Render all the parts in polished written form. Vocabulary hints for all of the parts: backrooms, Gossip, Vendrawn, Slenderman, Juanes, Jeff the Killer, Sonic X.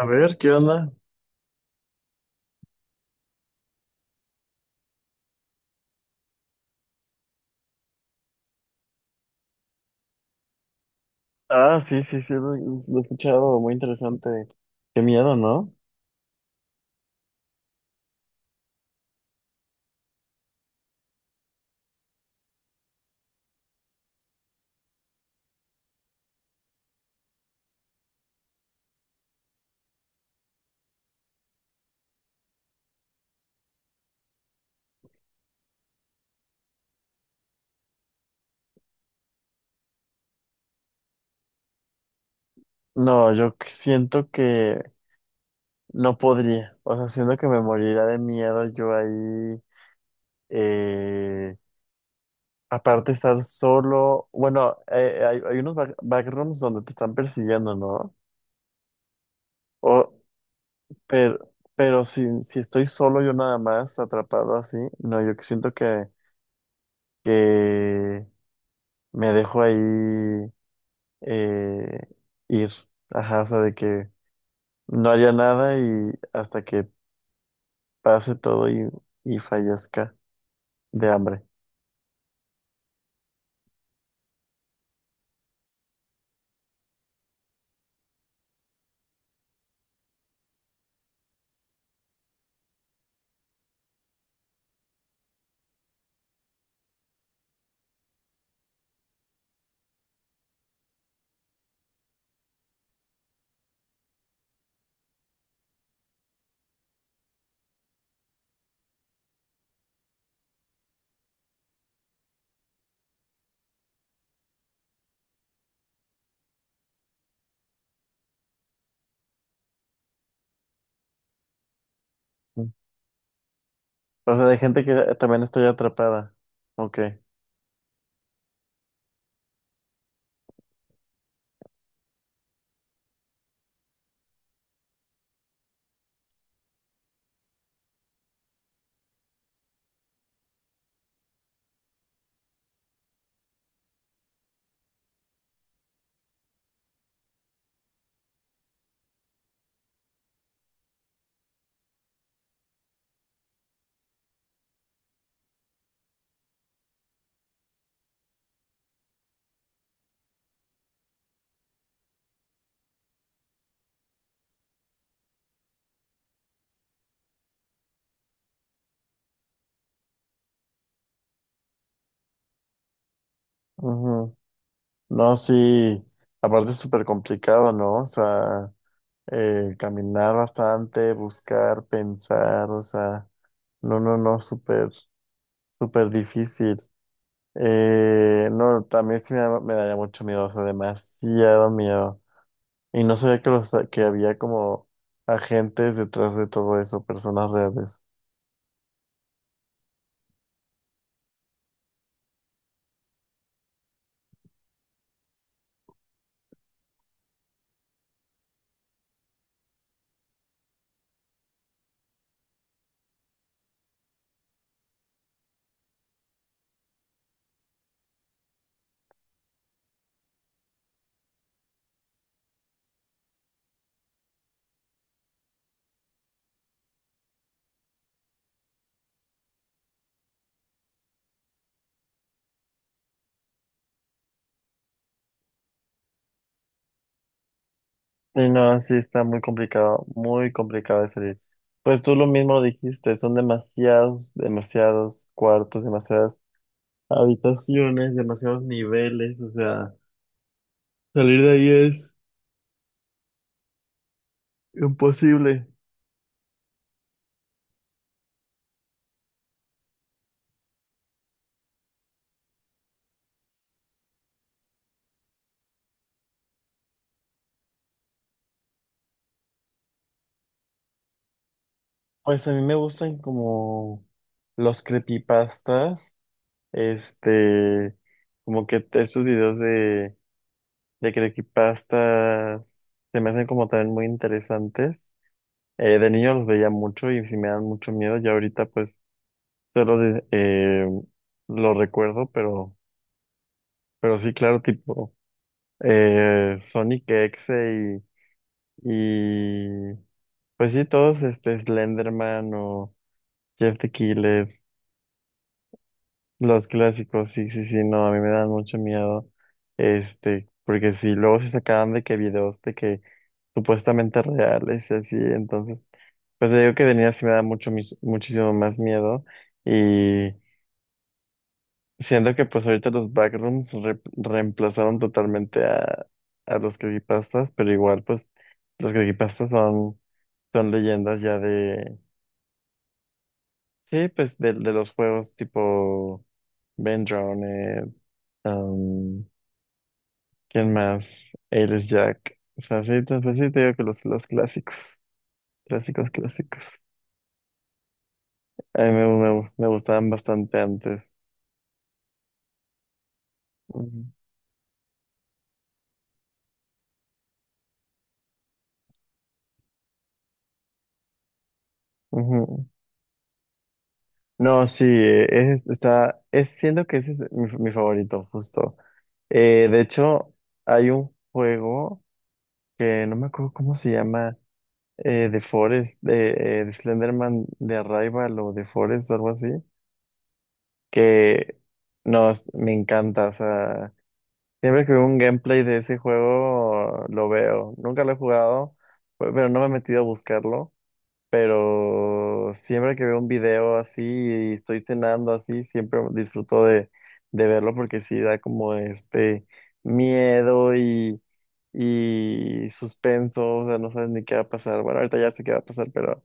A ver, ¿qué onda? Ah, sí, sí, sí, lo he escuchado, muy interesante. Qué miedo, ¿no? No, siento que no podría, o sea, siento que me moriría de miedo yo ahí, eh, aparte estar solo, bueno, hay unos backrooms donde te están persiguiendo, ¿no? O, pero si estoy solo yo nada más, atrapado así, no, yo siento que me dejo ahí eh, ir. Ajá, o sea, de que no haya nada y hasta que pase todo y fallezca de hambre. O sea, de gente que también estoy atrapada. Ok. Ujú. No, sí. Aparte es súper complicado, ¿no? O sea, caminar bastante, buscar, pensar, o sea, no, no, no, súper, súper difícil. No, también sí me daría mucho miedo, o sea, demasiado miedo. Y no sabía que, los, que había como agentes detrás de todo eso, personas reales. Y no, sí está muy complicado de salir. Pues tú lo mismo dijiste, son demasiados, demasiados cuartos, demasiadas habitaciones, demasiados niveles, o sea, salir de ahí es imposible. Pues a mí me gustan como los creepypastas, este, como que esos videos de creepypastas se me hacen como también muy interesantes. De niño los veía mucho y sí me dan mucho miedo. Ya ahorita pues solo de- eh, lo recuerdo, pero sí, claro, tipo Sonic X y pues sí, todos este Slenderman o Jeff the Killer. Los clásicos, sí, sí, sí, no, a mí me dan mucho miedo, este, porque si luego se sacaban de que videos de que supuestamente reales y así, entonces, pues te digo que de niña sí me da mucho, muchísimo más miedo y siento que pues ahorita los backrooms reemplazaron totalmente a los creepypastas, pero igual pues los creepypastas son, son leyendas ya de, sí, pues de los juegos tipo Vendrawn, ¿Quién más? Eres Jack. O sea, sí, te, pues sí te digo que los clásicos. Clásicos, clásicos. A mí me gustaban bastante antes. Ujú, ujú. No, sí, es, está, es, siento que ese es mi, mi favorito, justo. De hecho, hay un juego que no me acuerdo cómo se llama, de Forest, de Slenderman, de Arrival o de Forest o algo así, que, no, me encanta, o sea. Siempre que veo un gameplay de ese juego, lo veo. Nunca lo he jugado, pero no me he metido a buscarlo. Pero siempre que veo un video así y estoy cenando así, siempre disfruto de verlo porque sí da como este miedo y suspenso, o sea, no sabes ni qué va a pasar. Bueno, ahorita ya sé qué va a pasar, pero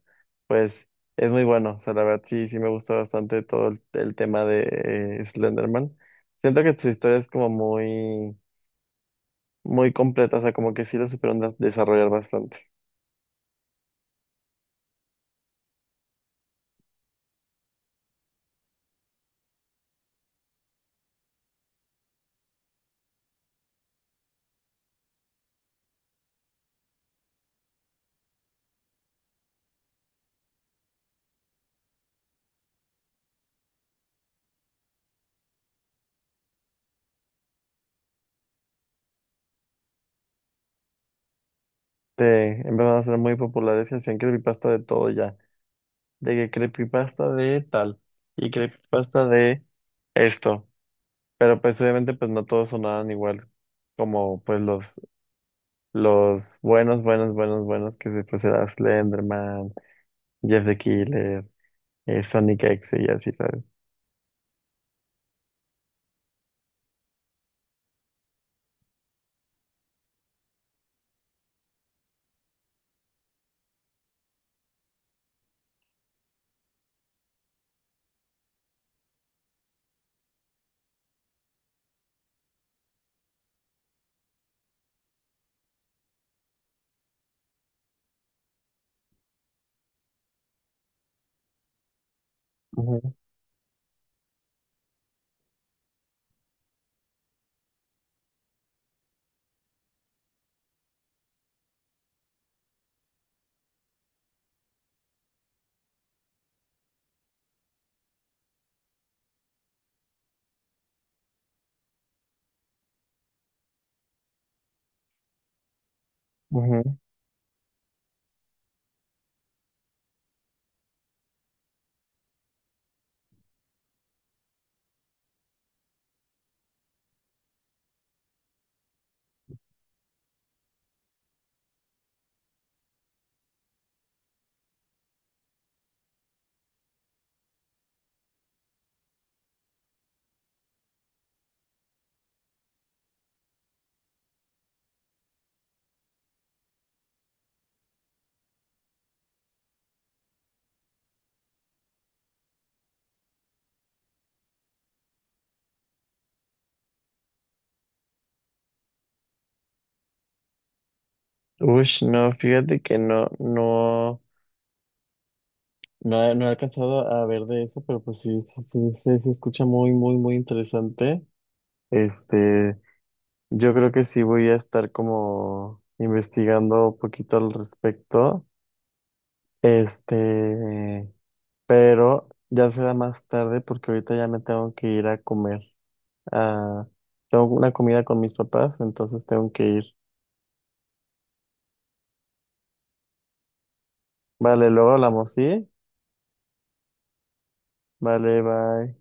pues es muy bueno. O sea, la verdad sí, sí me gusta bastante todo el tema de Slenderman. Siento que su historia es como muy muy completa, o sea, como que sí lo supieron desarrollar bastante. Te empezaron a ser muy populares y hacían creepypasta de todo ya. De que creepypasta de tal y creepypasta de esto. Pero pues obviamente pues no todos sonaban igual como pues los buenos, buenos, buenos, buenos que se pues era Slenderman, Jeff the Killer, Sonic X y así, ¿sabes? Ujú, ujú. Ush, no, fíjate que no, no. No, no he alcanzado a ver de eso, pero pues sí, sí, sí, sí, se escucha muy, muy, muy interesante. Este, yo creo que sí voy a estar como investigando un poquito al respecto. Este, pero ya será más tarde porque ahorita ya me tengo que ir a comer. Ah, tengo una comida con mis papás, entonces tengo que ir. Vale, luego hablamos, ¿sí? Vale, bye.